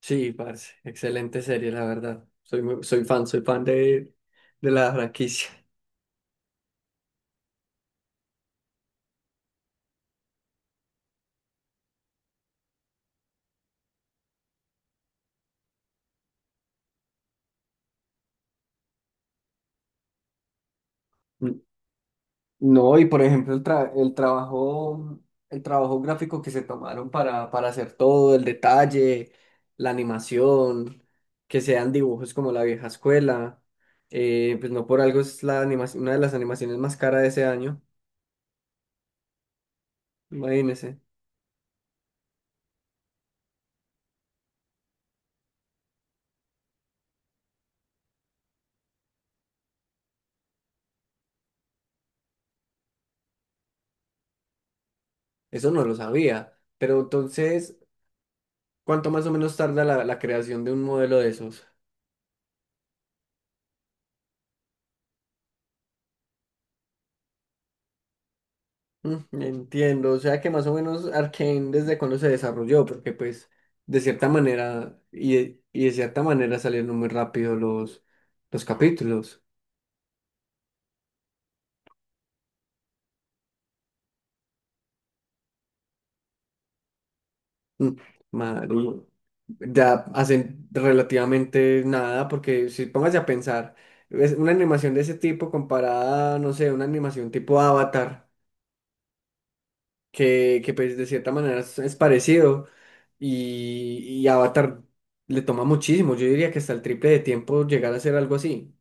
Sí, parce, excelente serie, la verdad. Soy soy fan, de la franquicia. N- No, y por ejemplo, el trabajo gráfico que se tomaron para hacer todo, el detalle, la animación, que sean dibujos como la vieja escuela, pues no por algo es la animación, una de las animaciones más caras de ese año, imagínense, eso no lo sabía, pero entonces, ¿cuánto más o menos tarda la creación de un modelo de esos? Mm, entiendo, o sea que más o menos Arkane desde cuando se desarrolló, porque pues de cierta manera y de cierta manera salieron muy rápido los capítulos. Mm, marica, ya hacen relativamente nada, porque si póngase a pensar, es una animación de ese tipo comparada, no sé, una animación tipo Avatar, que pues de cierta manera es parecido y Avatar le toma muchísimo, yo diría que hasta el triple de tiempo llegar a hacer algo así.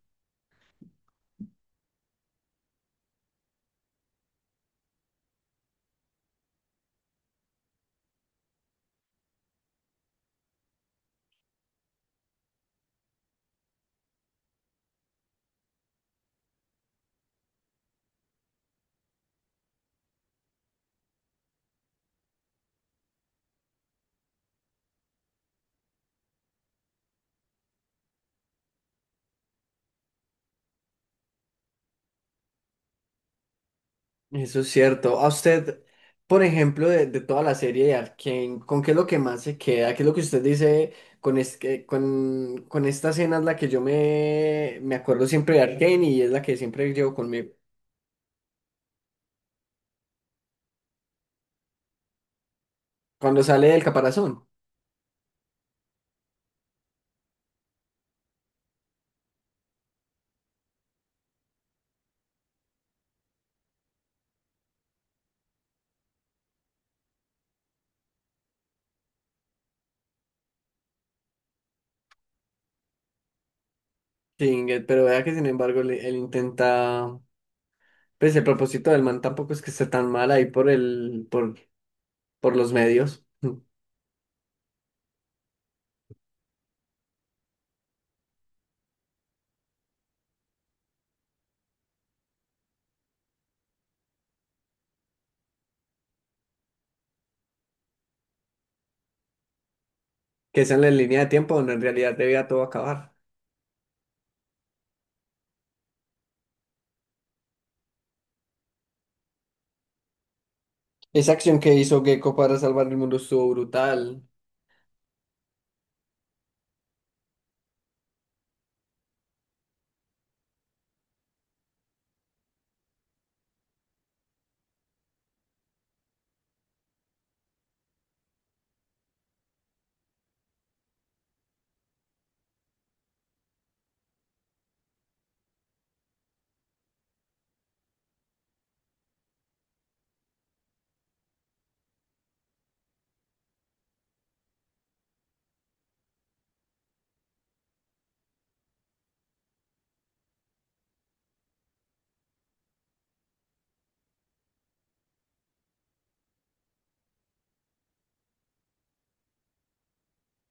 Eso es cierto. A usted, por ejemplo, de toda la serie de Arkane, ¿con qué es lo que más se queda? ¿Qué es lo que usted dice con esta escena es la que yo me acuerdo siempre de Arkane y es la que siempre llevo conmigo? Cuando sale del caparazón. Sí, pero vea que sin embargo él intenta, pues el propósito del man tampoco es que esté tan mal ahí por los medios. Que es en la línea de tiempo donde en realidad debía todo acabar. Esa acción que hizo Gecko para salvar el mundo estuvo brutal.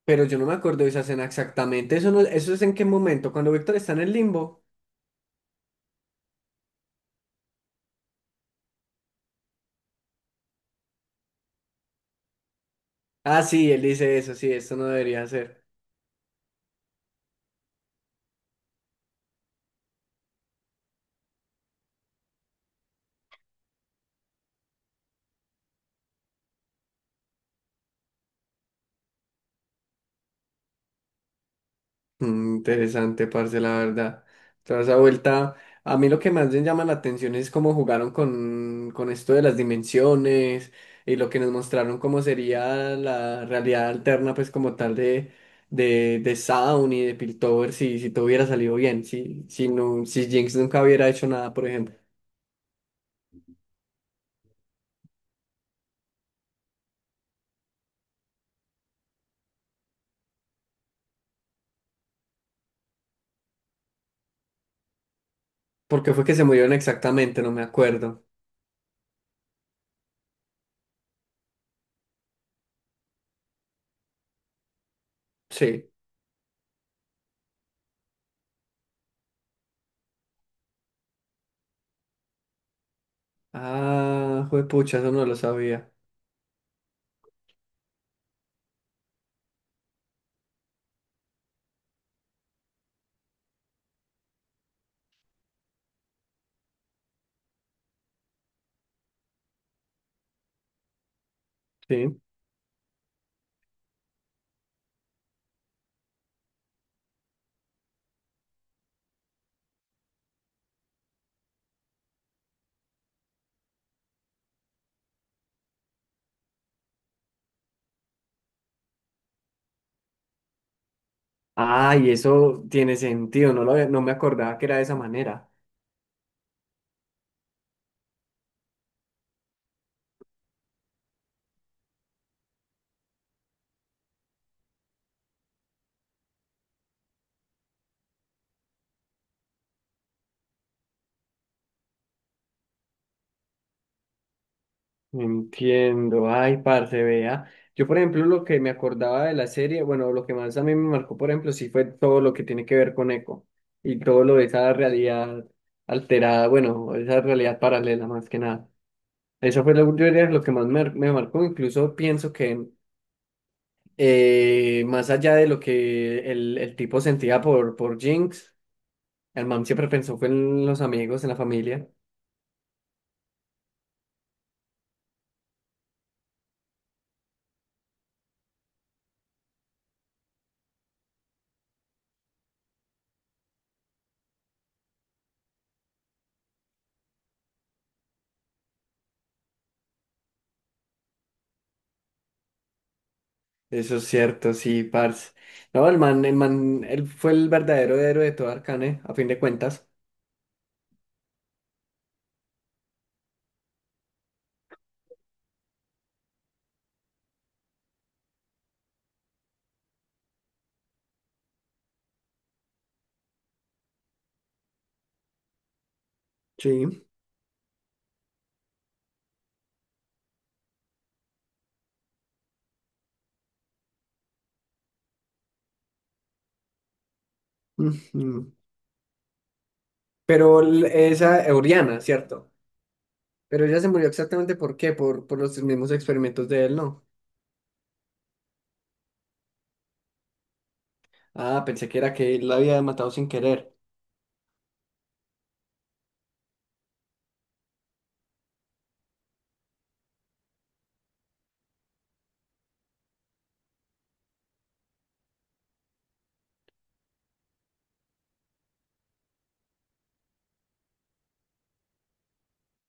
Pero yo no me acuerdo de esa escena exactamente. Eso no, eso es en qué momento, cuando Víctor está en el limbo. Ah, sí, él dice eso, sí, esto no debería ser. Mm, interesante, parce, la verdad. Toda esa vuelta. A mí lo que más me llama la atención es cómo jugaron con esto de las dimensiones y lo que nos mostraron cómo sería la realidad alterna, pues como tal de Sound y de Piltover, si todo hubiera salido bien, no, si Jinx nunca hubiera hecho nada, por ejemplo. ¿Por qué fue que se murieron exactamente? No me acuerdo. Sí. Ah, juepucha, eso no lo sabía. Sí. Ah, y eso tiene sentido, no me acordaba que era de esa manera. Entiendo, ay, parce, vea. Yo, por ejemplo, lo que me acordaba de la serie, bueno, lo que más a mí me marcó, por ejemplo, sí fue todo lo que tiene que ver con Eco y todo lo de esa realidad alterada, bueno, esa realidad paralela más que nada. Eso fue lo, yo diría, lo que más me marcó, incluso pienso que más allá de lo que el tipo sentía por Jinx, el man siempre pensó fue en los amigos, en la familia. Eso es cierto, sí, parce. No, el man, él fue el verdadero héroe de todo Arcane, a fin de cuentas. Sí. Ujú. Pero esa Euriana, ¿cierto? Pero ella se murió exactamente por qué, por los mismos experimentos de él, ¿no? Ah, pensé que era que él la había matado sin querer.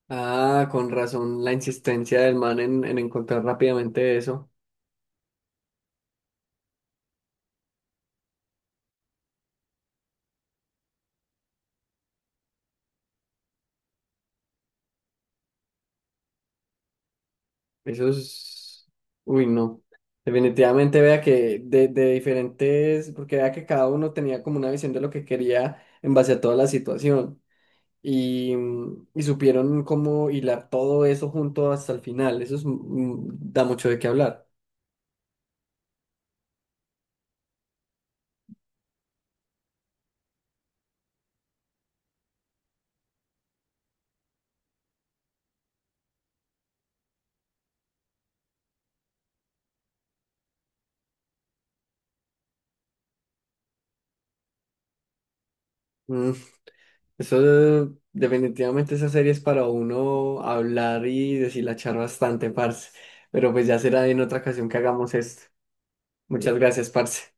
Ah, con razón la insistencia del man en encontrar rápidamente eso. Eso es... Uy, no. Definitivamente vea que de diferentes, porque vea que cada uno tenía como una visión de lo que quería en base a toda la situación y, mm, y supieron cómo hilar todo eso junto hasta el final. Eso es, mm, da mucho de qué hablar. Mm, eso definitivamente esa serie es para uno hablar y deshilachar bastante, parce. Pero pues ya será en otra ocasión que hagamos esto. Muchas gracias, parce.